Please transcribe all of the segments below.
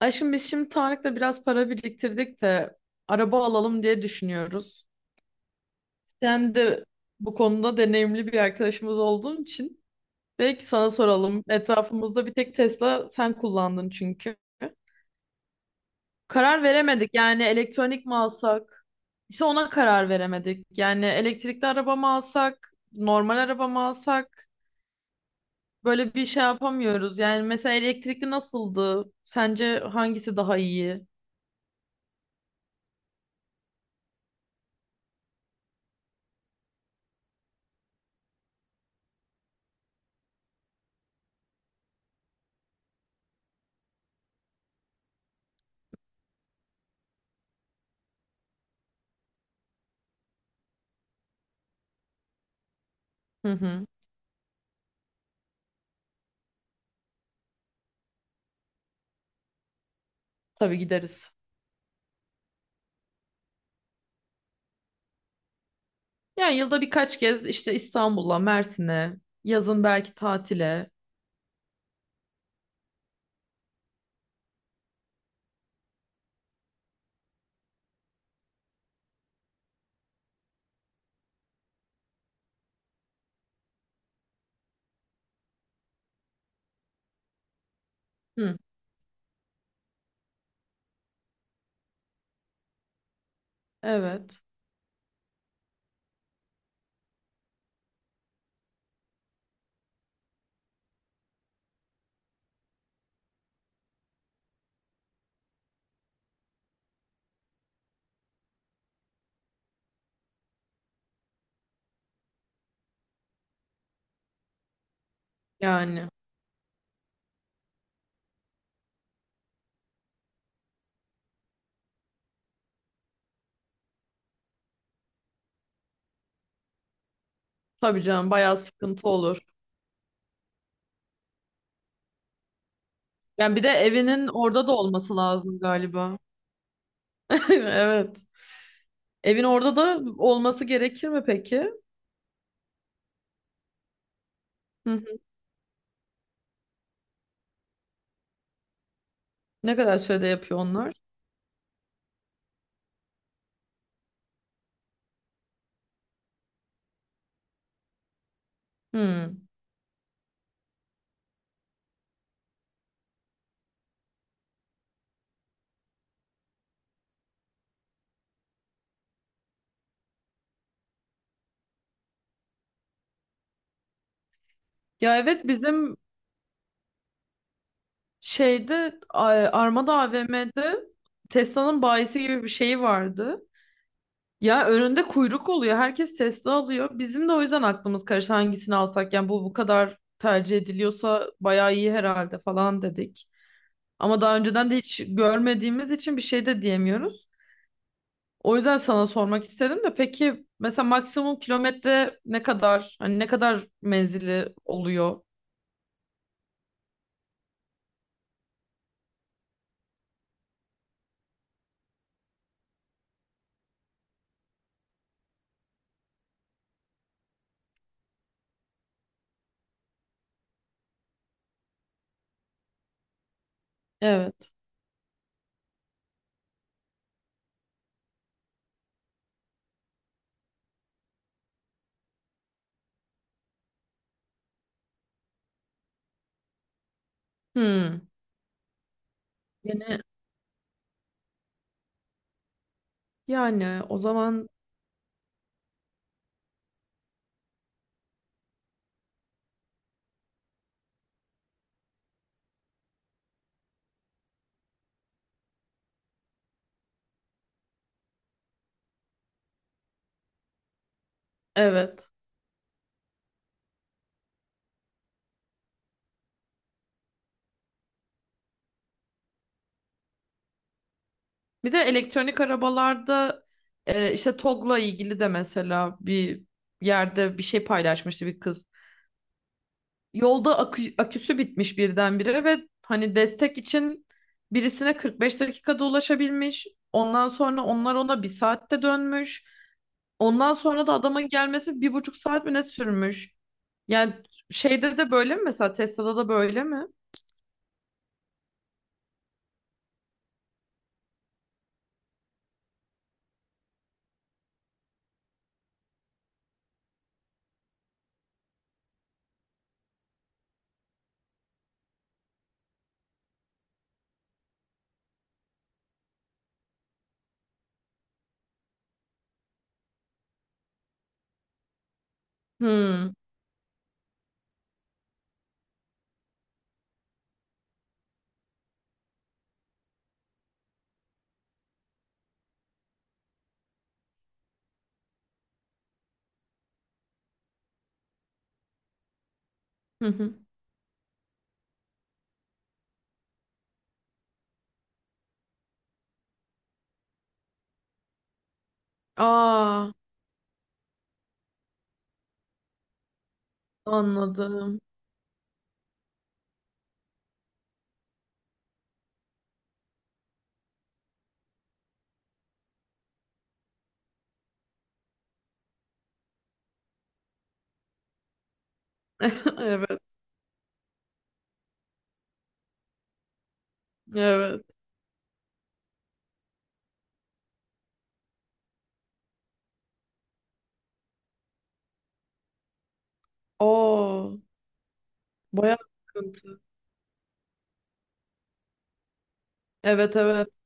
Aşkım biz şimdi Tarık'la biraz para biriktirdik de araba alalım diye düşünüyoruz. Sen de bu konuda deneyimli bir arkadaşımız olduğun için belki sana soralım. Etrafımızda bir tek Tesla sen kullandın çünkü. Karar veremedik, yani elektronik mi alsak? İşte ona karar veremedik. Yani elektrikli araba mı alsak, normal araba mı alsak? Böyle bir şey yapamıyoruz. Yani mesela elektrikli nasıldı? Sence hangisi daha iyi? Hı hı. Tabii gideriz. Yani yılda birkaç kez işte İstanbul'a, Mersin'e, yazın belki tatile. Hı, evet. Yani tabii canım bayağı sıkıntı olur. Yani bir de evinin orada da olması lazım galiba. Evet. Evin orada da olması gerekir mi peki? Hı hı. Ne kadar sürede yapıyor onlar? Hı. Ya evet bizim şeyde A- Armada AVM'de Tesla'nın bayisi gibi bir şeyi vardı. Ya önünde kuyruk oluyor. Herkes Tesla alıyor. Bizim de o yüzden aklımız karıştı hangisini alsak. Yani bu kadar tercih ediliyorsa bayağı iyi herhalde falan dedik. Ama daha önceden de hiç görmediğimiz için bir şey de diyemiyoruz. O yüzden sana sormak istedim de peki mesela maksimum kilometre ne kadar? Hani ne kadar menzili oluyor? Evet. Hmm. Yine, yani o zaman evet. Bir de elektronik arabalarda işte TOGG'la ilgili de mesela bir yerde bir şey paylaşmıştı bir kız. Yolda aküsü bitmiş birdenbire ve hani destek için birisine 45 dakikada ulaşabilmiş. Ondan sonra onlar ona bir saatte dönmüş. Ondan sonra da adamın gelmesi bir buçuk saat mi ne sürmüş. Yani şeyde de böyle mi, mesela Tesla'da da böyle mi? Hmm. Hı hı. Aa. Anladım. Evet. Evet. Oo, bayağı sıkıntı. Evet, evet.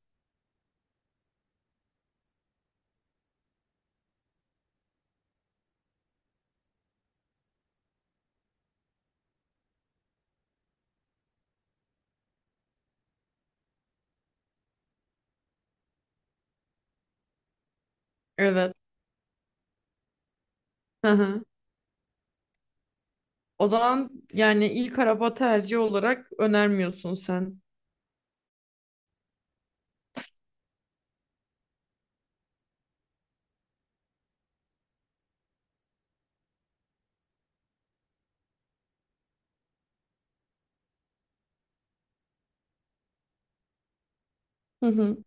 Evet. Hı hı. O zaman yani ilk araba tercihi olarak önermiyorsun sen. Hı hı.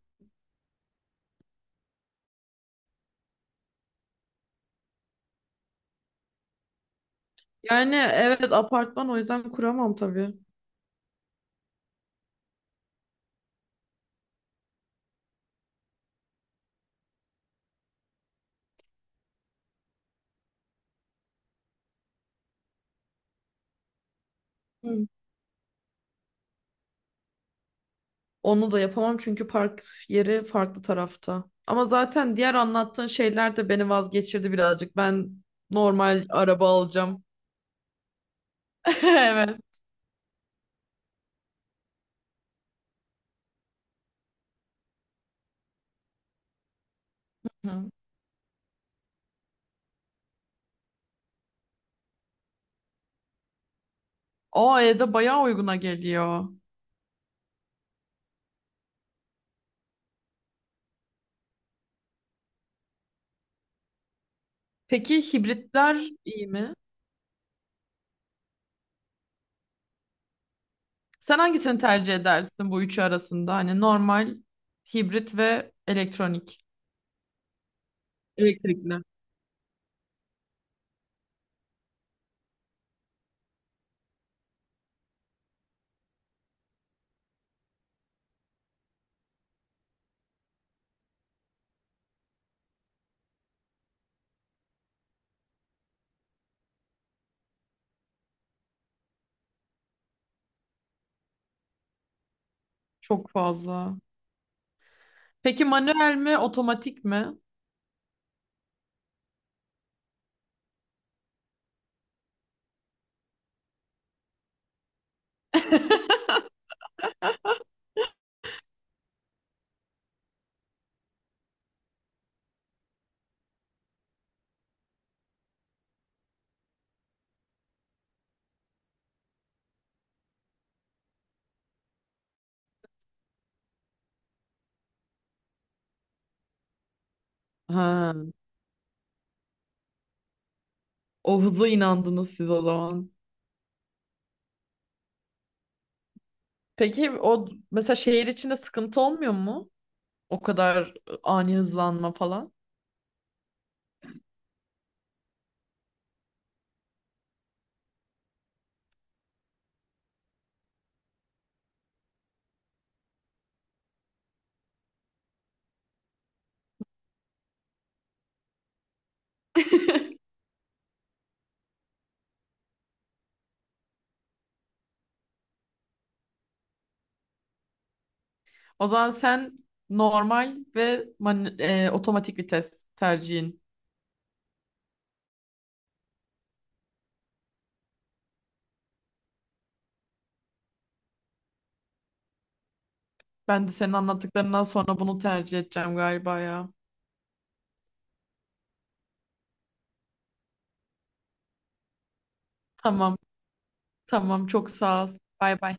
Yani evet apartman, o yüzden kuramam tabii. Hı. Onu da yapamam çünkü park yeri farklı tarafta. Ama zaten diğer anlattığın şeyler de beni vazgeçirdi birazcık. Ben normal araba alacağım. Evet. Hı. O E'de bayağı uyguna geliyor. Peki hibritler iyi mi? Sen hangisini tercih edersin bu üçü arasında? Hani normal, hibrit ve elektronik. Elektrikli. Çok fazla. Peki manuel mi, otomatik mi? Ha, o hıza inandınız siz o zaman. Peki o mesela şehir içinde sıkıntı olmuyor mu? O kadar ani hızlanma falan. O zaman sen normal ve otomatik vites tercihin. Ben de senin anlattıklarından sonra bunu tercih edeceğim galiba ya. Tamam, tamam çok sağ ol. Bay bay.